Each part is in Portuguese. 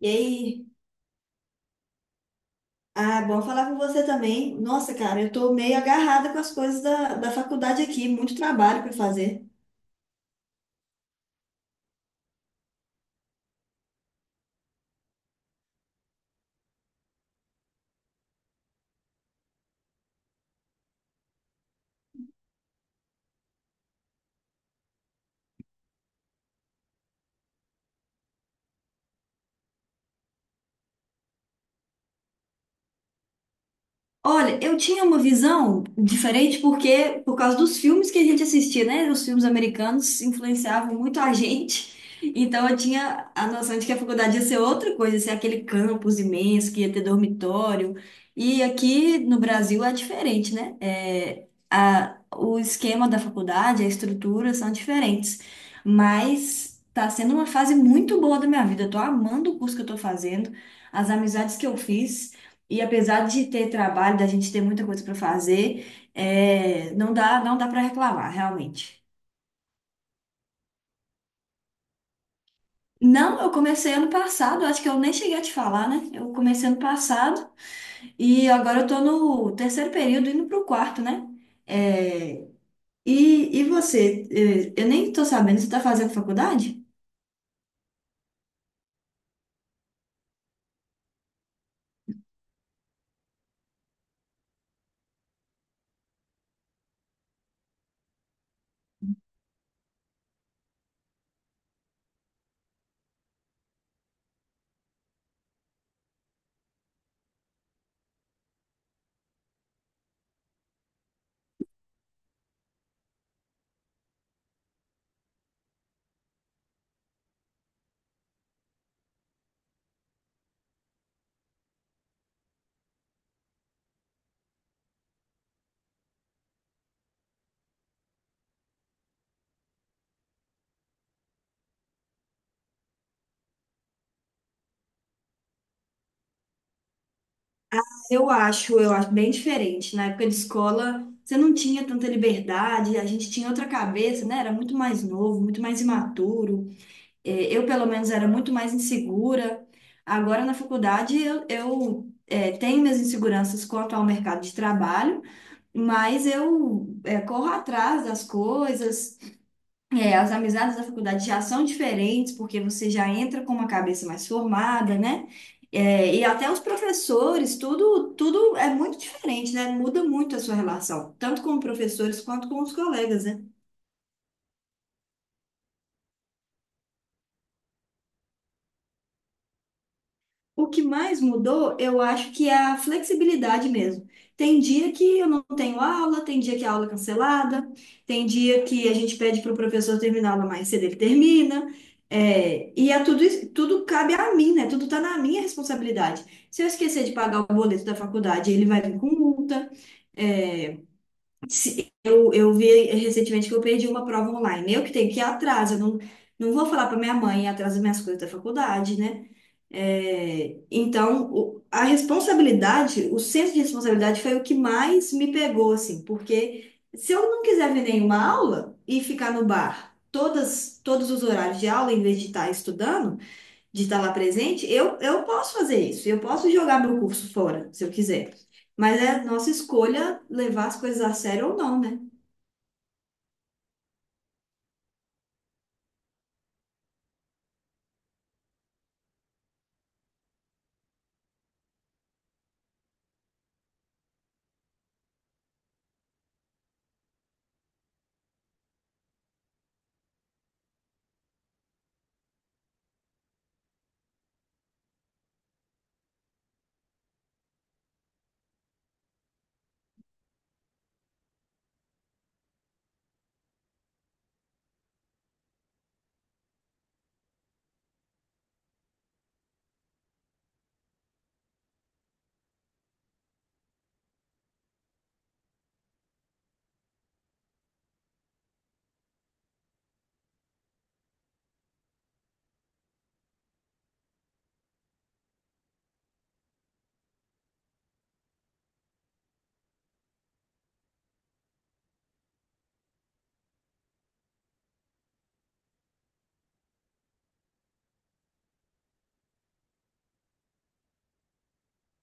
E aí, bom falar com você também. Nossa, cara, eu tô meio agarrada com as coisas da faculdade aqui, muito trabalho para fazer. Olha, eu tinha uma visão diferente porque, por causa dos filmes que a gente assistia, né? Os filmes americanos influenciavam muito a gente. Então eu tinha a noção de que a faculdade ia ser outra coisa, ia ser aquele campus imenso que ia ter dormitório. E aqui no Brasil é diferente, né? O esquema da faculdade, a estrutura são diferentes. Mas tá sendo uma fase muito boa da minha vida. Eu tô amando o curso que eu tô fazendo, as amizades que eu fiz. E apesar de ter trabalho, da gente ter muita coisa para fazer, não dá para reclamar, realmente. Não, eu comecei ano passado, acho que eu nem cheguei a te falar, né? Eu comecei ano passado e agora eu tô no terceiro período, indo pro quarto, né? É, e você? Eu nem tô sabendo, você tá fazendo faculdade? Eu acho bem diferente. Na época de escola, você não tinha tanta liberdade, a gente tinha outra cabeça, né? Era muito mais novo, muito mais imaturo. Eu, pelo menos, era muito mais insegura. Agora, na faculdade, eu tenho minhas inseguranças quanto ao mercado de trabalho, mas eu corro atrás das coisas. É, as amizades da faculdade já são diferentes, porque você já entra com uma cabeça mais formada, né? É, e até os professores, tudo é muito diferente, né? Muda muito a sua relação, tanto com professores quanto com os colegas, né? O que mais mudou, eu acho que é a flexibilidade mesmo. Tem dia que eu não tenho aula, tem dia que a aula é cancelada, tem dia que a gente pede para o professor terminar a aula mais cedo, ele termina. Tudo cabe a mim, né? Tudo está na minha responsabilidade. Se eu esquecer de pagar o boleto da faculdade, ele vai vir com multa. É, eu vi recentemente que eu perdi uma prova online. Eu que tenho que ir atrás, eu não, não vou falar para minha mãe ir atrás das minhas coisas da faculdade, né? É, então, a responsabilidade, o senso de responsabilidade foi o que mais me pegou, assim, porque se eu não quiser ver nenhuma aula e ficar no bar todos os horários de aula, em vez de estar estudando, de estar lá presente, eu posso fazer isso, eu posso jogar meu curso fora, se eu quiser. Mas é nossa escolha levar as coisas a sério ou não, né?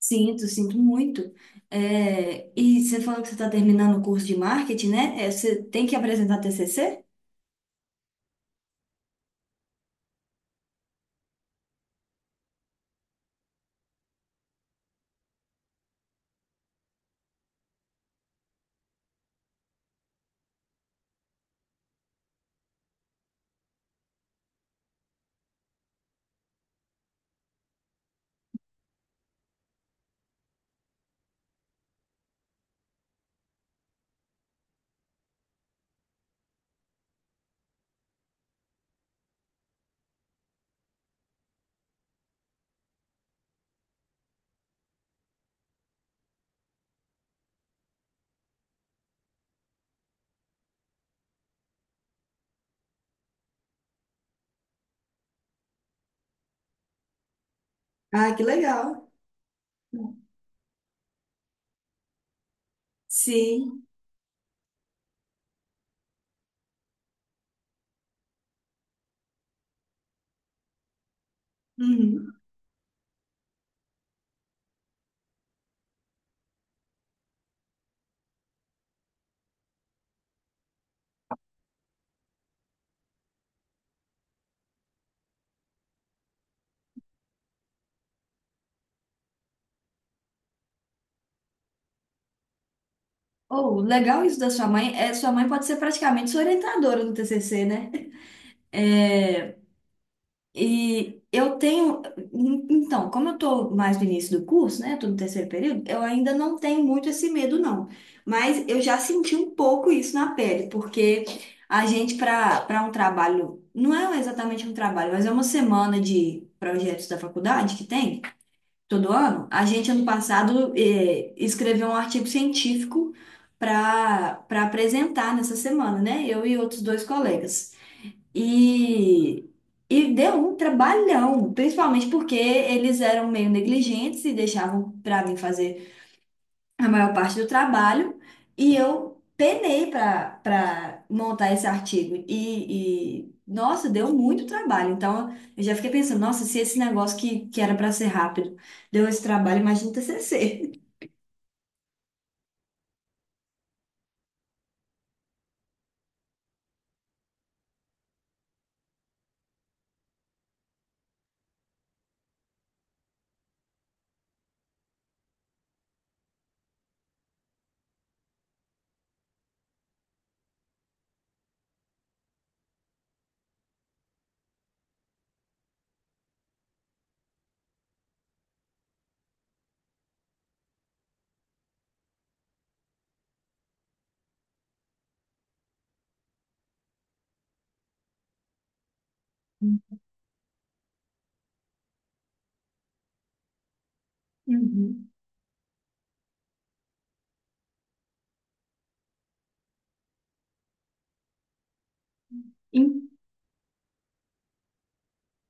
Sinto, sinto muito. É, e você falou que você está terminando o curso de marketing, né? É, você tem que apresentar TCC? Ah, que legal. Sim. Uhum. Oh, legal isso da sua mãe. É, sua mãe pode ser praticamente sua orientadora no TCC, né? É, e eu tenho. Então, como eu estou mais no início do curso, né? Tô no terceiro período, eu ainda não tenho muito esse medo, não. Mas eu já senti um pouco isso na pele, porque a gente, para um trabalho, não é exatamente um trabalho, mas é uma semana de projetos da faculdade que tem todo ano. A gente, ano passado, escreveu um artigo científico para apresentar nessa semana, né? Eu e outros dois colegas. E, e deu um trabalhão, principalmente porque eles eram meio negligentes e deixavam para mim fazer a maior parte do trabalho e eu penei para montar esse artigo e nossa, deu muito trabalho. Então eu já fiquei pensando, nossa, se esse negócio que era para ser rápido deu esse trabalho, imagina o TCC. Uhum. Em-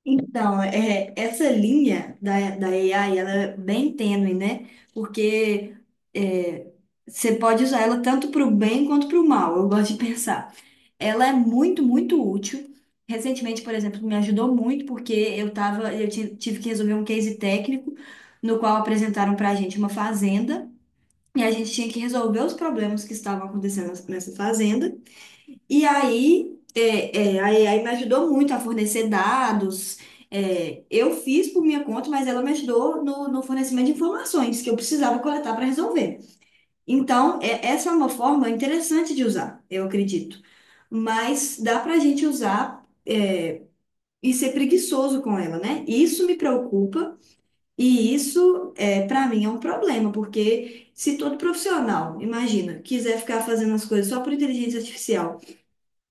Então, é, essa linha da AI, ela é bem tênue, né? Porque é, você pode usar ela tanto para o bem quanto para o mal, eu gosto de pensar. Ela é muito, muito útil. Recentemente, por exemplo, me ajudou muito porque eu tava, eu ti- tive que resolver um case técnico no qual apresentaram para a gente uma fazenda e a gente tinha que resolver os problemas que estavam acontecendo nessa fazenda. E aí, é, é, aí, aí me ajudou muito a fornecer dados. É, eu fiz por minha conta, mas ela me ajudou no fornecimento de informações que eu precisava coletar para resolver. Então, essa é uma forma interessante de usar, eu acredito. Mas dá para a gente usar e ser preguiçoso com ela, né? Isso me preocupa e isso, é, para mim, é um problema, porque se todo profissional, imagina, quiser ficar fazendo as coisas só por inteligência artificial,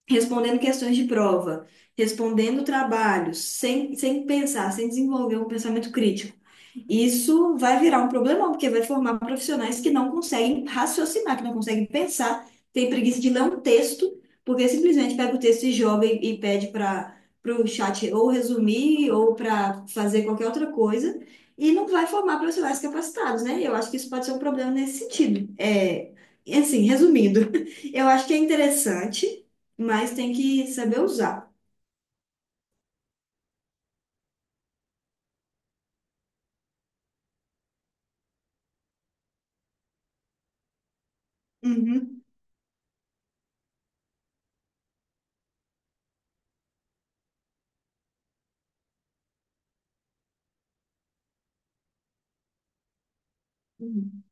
respondendo questões de prova, respondendo trabalhos, sem pensar, sem desenvolver um pensamento crítico, isso vai virar um problemão, porque vai formar profissionais que não conseguem raciocinar, que não conseguem pensar, tem preguiça de ler um texto, porque simplesmente pega o texto e joga e pede para o chat ou resumir ou para fazer qualquer outra coisa, e não vai formar profissionais capacitados, né? Eu acho que isso pode ser um problema nesse sentido. É, e assim, resumindo, eu acho que é interessante, mas tem que saber usar. Uhum, uhum.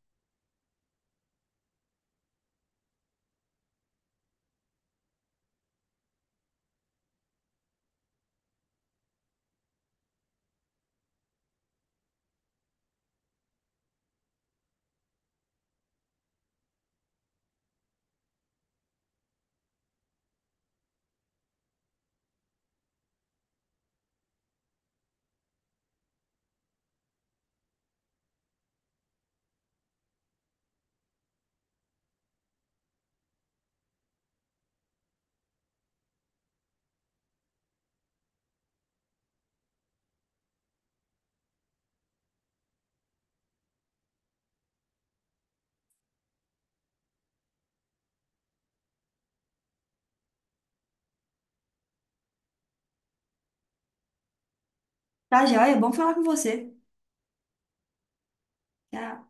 Tá, joia, é bom falar com você. Tchau.